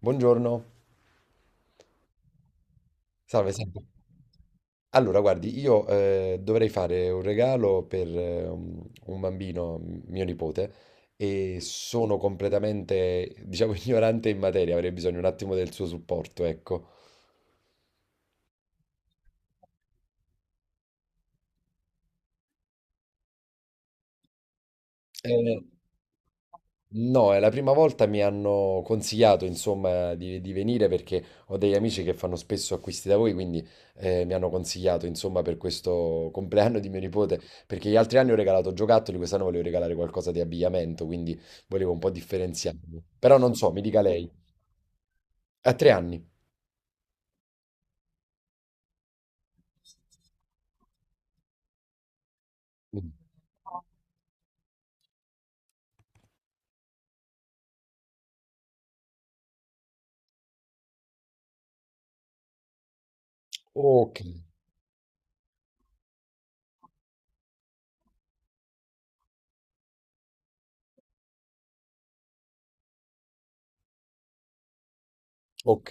Buongiorno, salve, senta. Allora, guardi, io dovrei fare un regalo per un bambino, mio nipote, e sono completamente, diciamo, ignorante in materia, avrei bisogno un attimo del suo supporto, ecco. Eh, No, è la prima volta mi hanno consigliato, insomma, di venire perché ho degli amici che fanno spesso acquisti da voi, quindi mi hanno consigliato, insomma, per questo compleanno di mio nipote, perché gli altri anni ho regalato giocattoli, quest'anno volevo regalare qualcosa di abbigliamento, quindi volevo un po' differenziarmi. Però non so, mi dica lei. A tre anni. Mm. Ok, ok.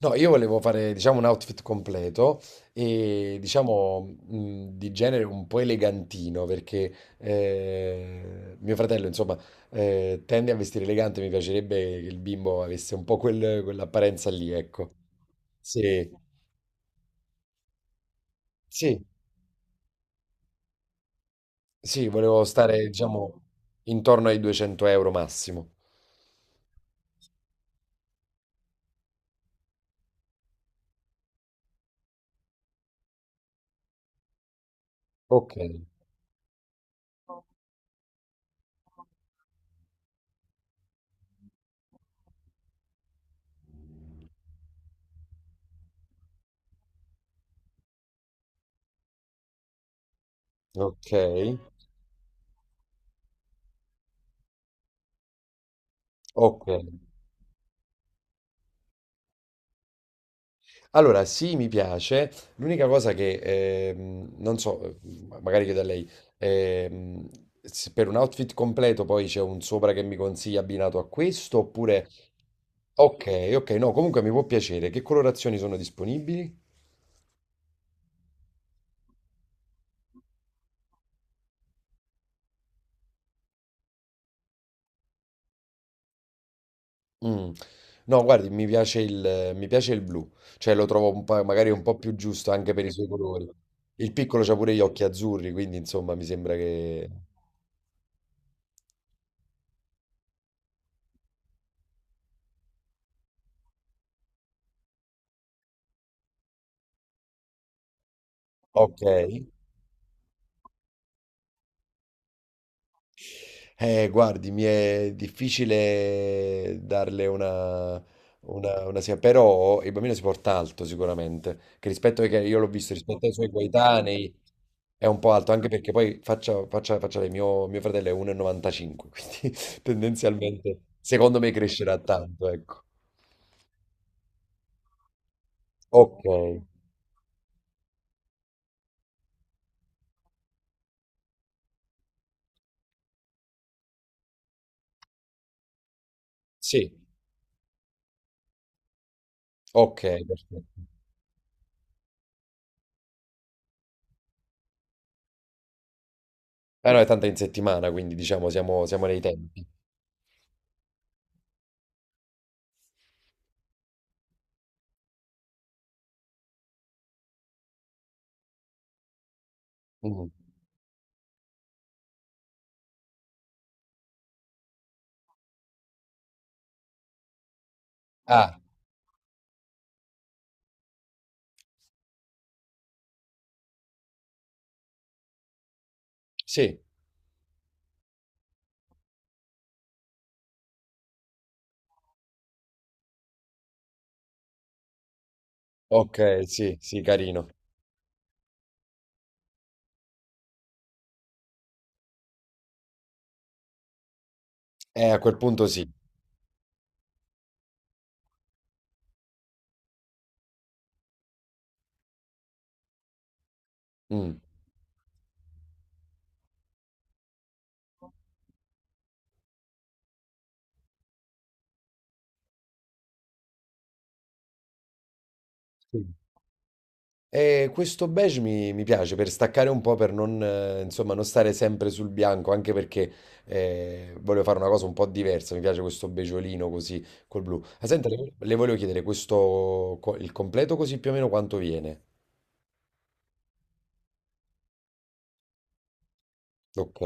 No, io volevo fare, diciamo, un outfit completo e, diciamo, di genere un po' elegantino, perché mio fratello, insomma, tende a vestire elegante, mi piacerebbe che il bimbo avesse un po' quell'apparenza lì, ecco. Sì, sì, sì, volevo stare, diciamo, intorno ai 200 euro massimo. Ok, ok, ok. Allora, sì, mi piace. L'unica cosa che non so, magari chiedo a lei, ehm, se per un outfit completo poi c'è un sopra che mi consiglia abbinato a questo oppure... Ok, ok, no, comunque mi può piacere. Che colorazioni sono disponibili? Mm. No, guardi, mi piace il blu, cioè lo trovo magari un po' più giusto anche per i suoi colori. Il piccolo c'ha pure gli occhi azzurri, quindi insomma mi sembra che... Ok. Guardi, mi è difficile darle una, però il bambino si porta alto sicuramente, che rispetto ai che io l'ho visto, rispetto ai suoi coetanei è un po' alto, anche perché poi faccia lei, mio fratello è 1,95, quindi tendenzialmente secondo me crescerà tanto, ecco. Ok, sì, ok, perfetto. Ah no, è tanto in settimana, quindi diciamo siamo nei tempi. Mm. Ah, sì, ok, sì, sì, carino. A quel punto sì. Mm. Sì. E questo beige mi piace per staccare un po', per non, insomma, non stare sempre sul bianco, anche perché voglio fare una cosa un po' diversa. Mi piace questo beggiolino così col blu. Ah, senta, le volevo chiedere questo, il completo così più o meno quanto viene. Ok.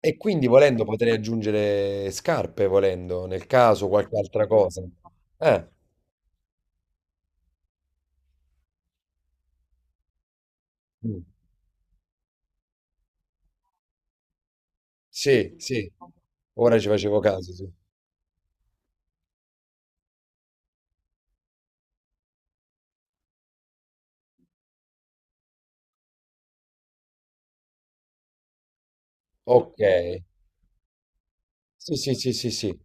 E quindi volendo potrei aggiungere scarpe, volendo, nel caso qualche altra cosa. Eh, mm. Sì, sì. Ora ci facevo caso, sì. Ok. Sì, sì, sì, sì, sì.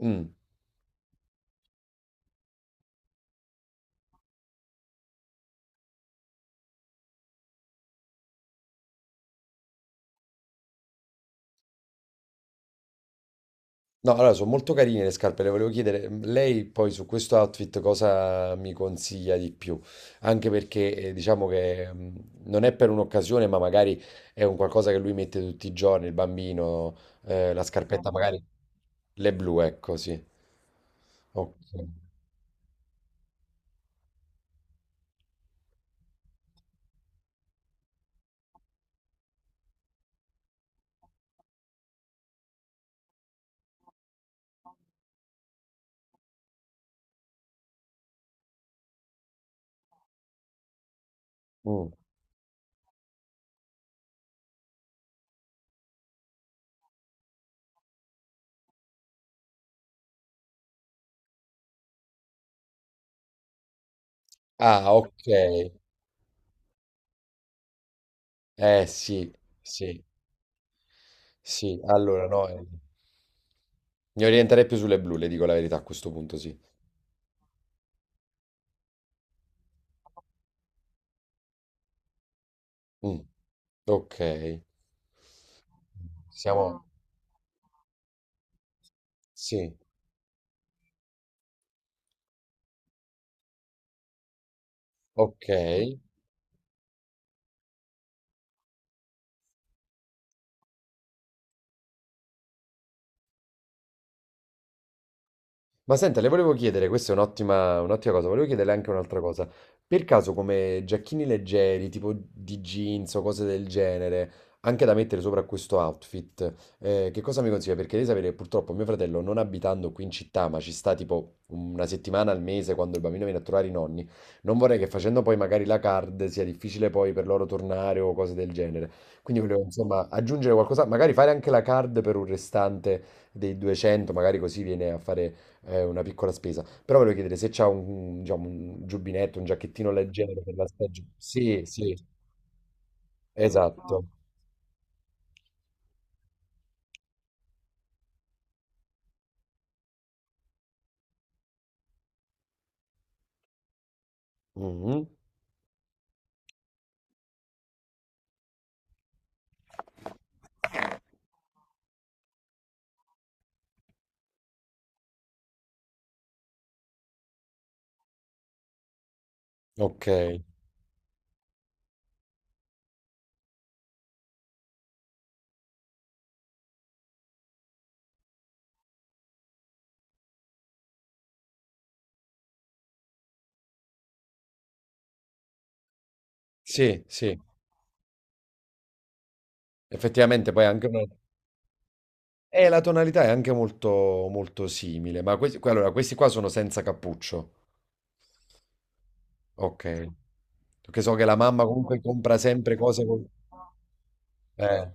Mm. No, allora sono molto carine le scarpe, le volevo chiedere, mm, lei poi su questo outfit cosa mi consiglia di più? Anche perché diciamo che non è per un'occasione, ma magari è un qualcosa che lui mette tutti i giorni, il bambino, la scarpetta Esatto. Magari, le blu, ecco, sì. Ok. Mm. Ah, ok. Eh sì, sì, sì. Allora no, mi orienterei più sulle blu, le dico la verità a questo punto, sì. Mm. Ok. Siamo... Sì, okay. Ma senta, le volevo chiedere, questa è un'ottima cosa, volevo chiederle anche un'altra cosa. Per caso come giacchini leggeri, tipo di jeans o cose del genere, anche da mettere sopra questo outfit, che cosa mi consiglia? Perché devi sapere, che purtroppo mio fratello, non abitando qui in città, ma ci sta tipo una settimana al mese quando il bambino viene a trovare i nonni, non vorrei che facendo poi magari la card sia difficile poi per loro tornare o cose del genere. Quindi volevo insomma aggiungere qualcosa, magari fare anche la card per un restante dei 200, magari così viene a fare è una piccola spesa. Però volevo chiedere se c'ha un, diciamo, un giubbinetto, un giacchettino leggero per la stagione. Sì, sì, esatto. Mhm. Ok. Sì, sì. Effettivamente poi è anche una... E la tonalità è anche molto, molto simile. Ma questi, allora, questi qua sono senza cappuccio. Ok. Perché so che la mamma comunque compra sempre cose con... Eh.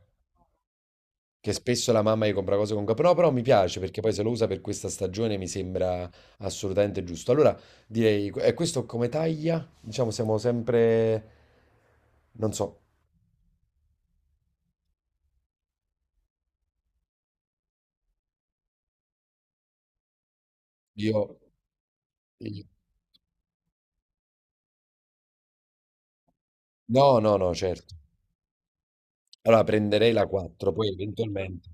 Che spesso la mamma gli compra cose con capo. No, però mi piace perché poi se lo usa per questa stagione mi sembra assolutamente giusto. Allora direi, e questo come taglia? Diciamo siamo sempre, non so. io... io- No, no, no, certo. Allora prenderei la 4, poi eventualmente...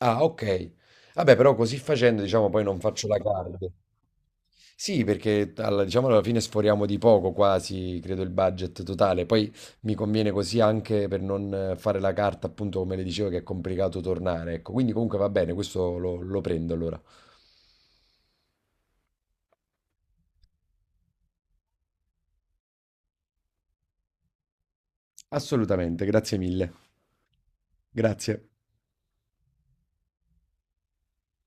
Ah, ok. Vabbè, però così facendo, diciamo, poi non faccio la card. Sì, perché alla, diciamo alla fine sforiamo di poco quasi, credo, il budget totale. Poi mi conviene così anche per non fare la carta, appunto, come le dicevo, che è complicato tornare. Ecco, quindi comunque va bene, questo lo prendo allora. Assolutamente, grazie mille. Grazie.